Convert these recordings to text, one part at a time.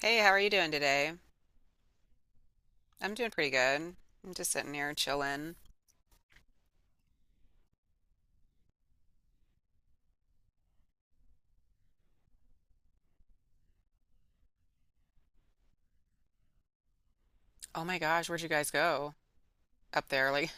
Hey, how are you doing today? I'm doing pretty good. I'm just sitting here chilling. Oh my gosh, where'd you guys go? Up there, like,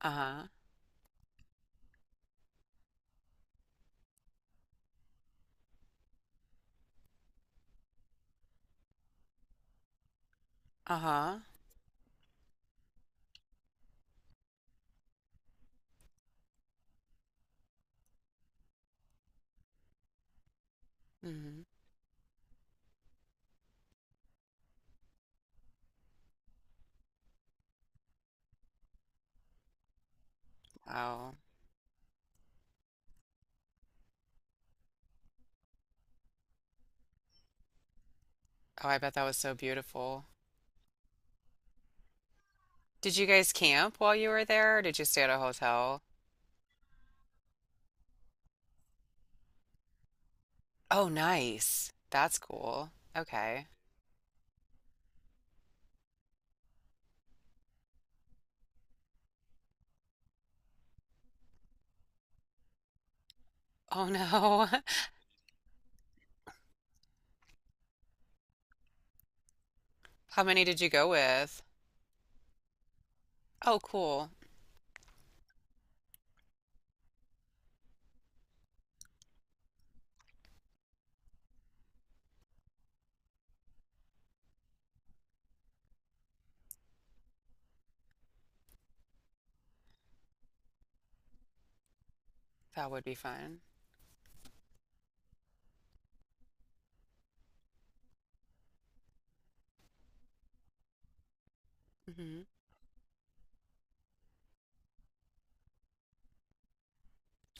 uh-huh, uh-huh. hmm. Wow. Oh, I bet that was so beautiful. Did you guys camp while you were there, or did you stay at a hotel? Oh, nice. That's cool. Okay. Oh no. How many did you go with? Oh, cool. That would be fun. hmm.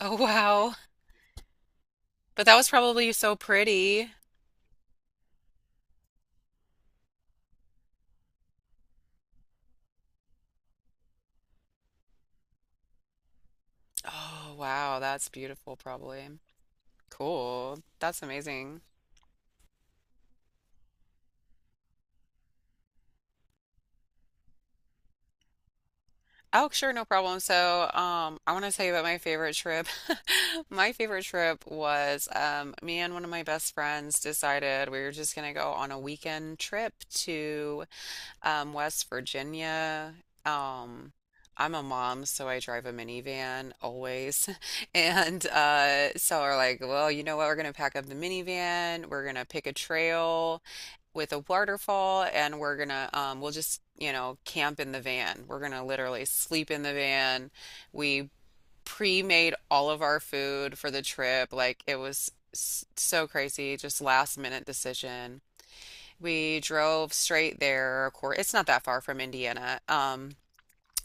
Oh, wow. But that was probably so pretty. Oh, wow. That's beautiful, probably. Cool. That's amazing. Oh, sure, no problem. So, I want to tell you about my favorite trip. My favorite trip was me and one of my best friends decided we were just going to go on a weekend trip to West Virginia. Um, I'm a mom, so I drive a minivan always. And so we're like, well, you know what? We're going to pack up the minivan. We're going to pick a trail with a waterfall, and we're gonna we'll just, you know, camp in the van. We're gonna literally sleep in the van. We pre-made all of our food for the trip. Like it was so crazy, just last minute decision. We drove straight there. Of course, it's not that far from Indiana.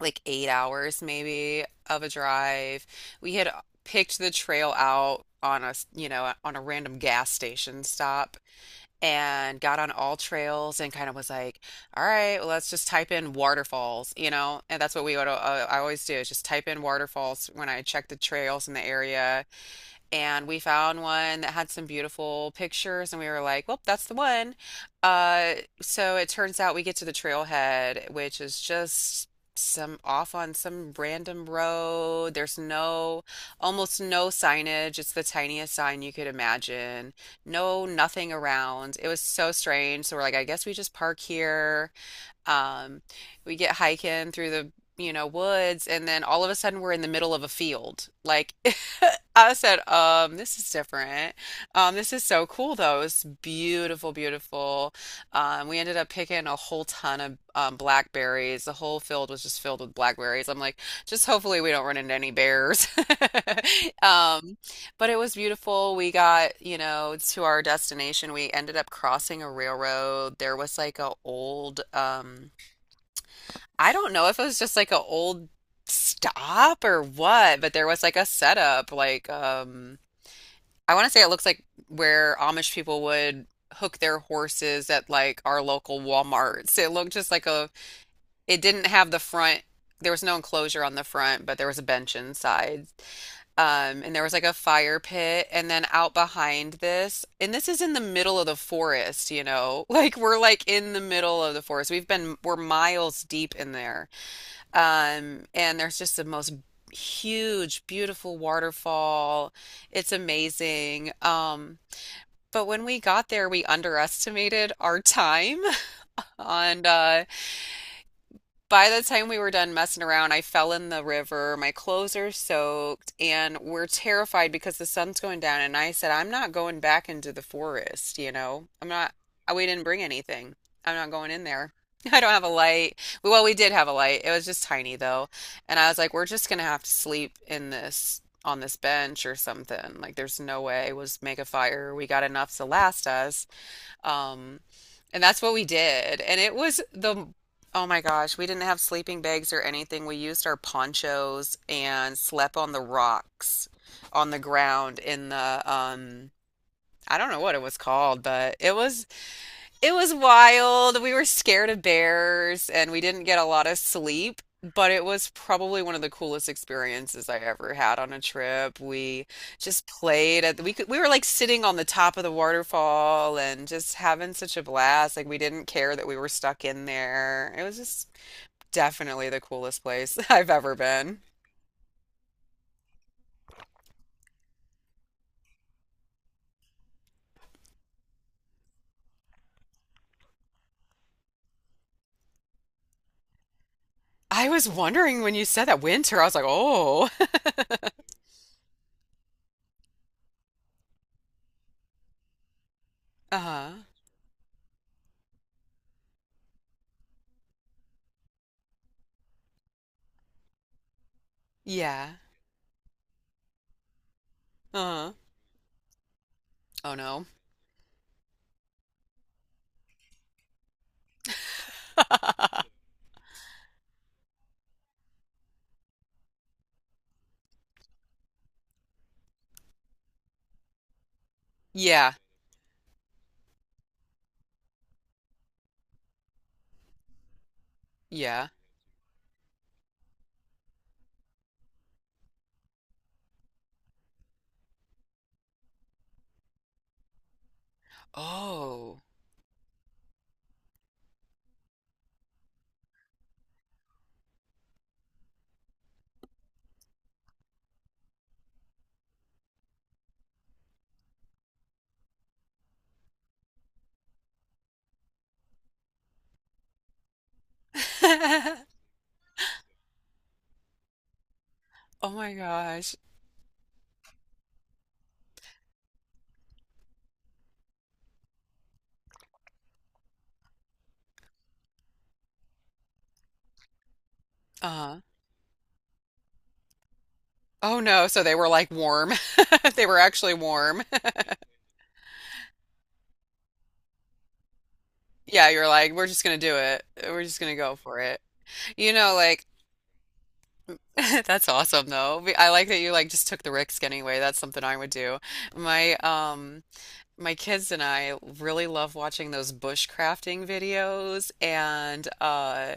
Like 8 hours maybe of a drive. We had picked the trail out on you know, on a random gas station stop, and got on all trails and kind of was like, all right, well, let's just type in waterfalls, you know? And that's what we would, I always do is just type in waterfalls when I check the trails in the area, and we found one that had some beautiful pictures and we were like, well, that's the one. Uh, so it turns out we get to the trailhead, which is just some off on some random road. There's no, Almost no signage. It's the tiniest sign you could imagine. No, Nothing around. It was so strange. So we're like, I guess we just park here. Um, we get hiking through the, you know, woods, and then all of a sudden we're in the middle of a field. Like, I said, this is different. This is so cool though. It's beautiful. We ended up picking a whole ton of blackberries. The whole field was just filled with blackberries. I'm like, just hopefully we don't run into any bears. Um, but it was beautiful. We got, you know, to our destination. We ended up crossing a railroad. There was like a old I don't know if it was just like an old stop or what, but there was like a setup. Like, I want to say it looks like where Amish people would hook their horses at like our local Walmarts. It looked just like it didn't have the there was no enclosure on the front, but there was a bench inside. And there was like a fire pit. And then out behind this, and this is in the middle of the forest, you know, like we're like in the middle of the forest. We're miles deep in there. And there's just the most huge, beautiful waterfall. It's amazing. But when we got there, we underestimated our time on by the time we were done messing around, I fell in the river. My clothes are soaked, and we're terrified because the sun's going down. And I said, I'm not going back into the forest, you know? I'm not, I- We didn't bring anything. I'm not going in there. I don't have a light. Well, we did have a light. It was just tiny, though. And I was like, we're just gonna have to sleep in on this bench or something. Like, there's no way. We'll just make a fire. We got enough to last us. Um, and that's what we did. And it was oh my gosh, we didn't have sleeping bags or anything. We used our ponchos and slept on the rocks on the ground in the, I don't know what it was called, but it was wild. We were scared of bears and we didn't get a lot of sleep, but it was probably one of the coolest experiences I ever had on a trip. We just played at we could, we were like sitting on the top of the waterfall and just having such a blast. Like we didn't care that we were stuck in there. It was just definitely the coolest place I've ever been. I was wondering when you said that winter, I was like, "Oh." Uh-huh. Yeah. Uh-huh. Oh no. Yeah. Yeah. Oh. Oh my gosh. Uh-huh. Oh no, so they were like warm. They were actually warm. Yeah, you're like, we're just gonna do it. We're just gonna go for it. You know, like, that's awesome though. I like that you like just took the risk anyway. That's something I would do. My my kids and I really love watching those bushcrafting videos, and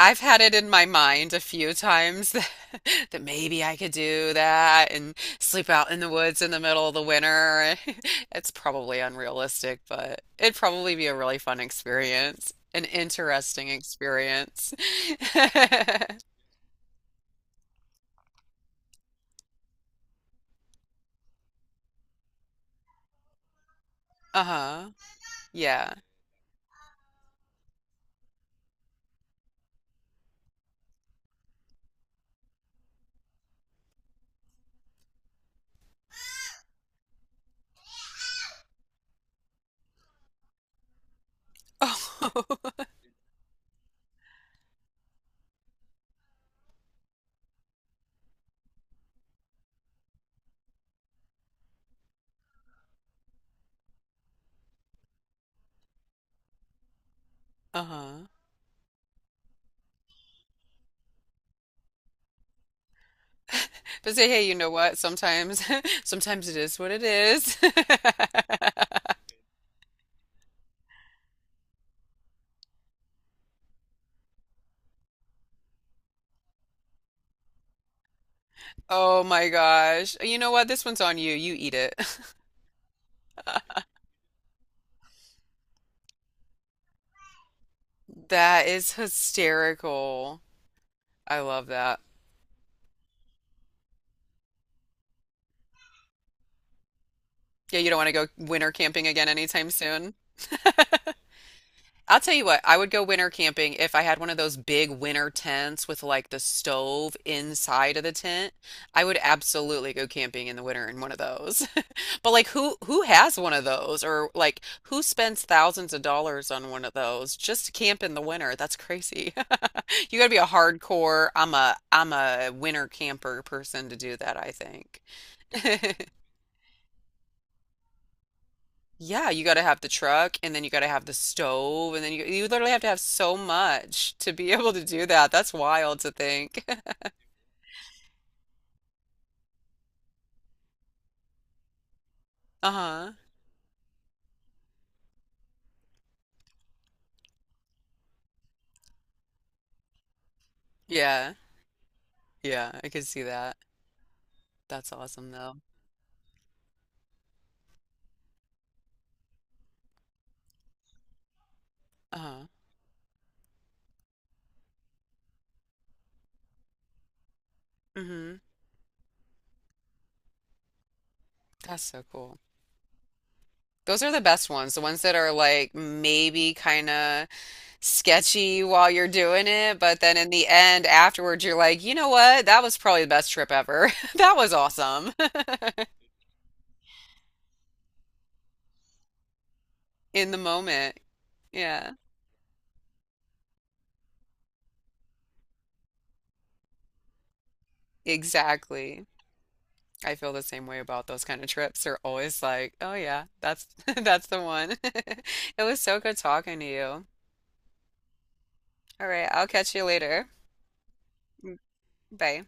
I've had it in my mind a few times that maybe I could do that and sleep out in the woods in the middle of the winter. It's probably unrealistic, but it'd probably be a really fun experience, an interesting experience. Uh-huh. Yeah. Oh, uh-huh. But say, hey, you know what? Sometimes, sometimes it is what it is. Oh my gosh. You know what? This one's on you. You eat it. That is hysterical. I love that. Yeah, you don't want to go winter camping again anytime soon. I'll tell you what, I would go winter camping if I had one of those big winter tents with like the stove inside of the tent. I would absolutely go camping in the winter in one of those. But like who has one of those, or like who spends thousands of dollars on one of those just to camp in the winter? That's crazy. You got to be a hardcore, I'm a winter camper person to do that, I think. Yeah, you got to have the truck and then you got to have the stove and then you literally have to have so much to be able to do that. That's wild to think. Uh-huh. Yeah. Yeah, I could see that. That's awesome though. Uh-huh. hmm. That's so cool. Those are the best ones, the ones that are like maybe kind of sketchy while you're doing it, but then in the end afterwards you're like, "You know what? That was probably the best trip ever. That was awesome." In the moment. Yeah. Exactly. I feel the same way about those kind of trips. They're always like, oh yeah, that's that's the one. It was so good talking to you. All right, I'll catch you later. Bye.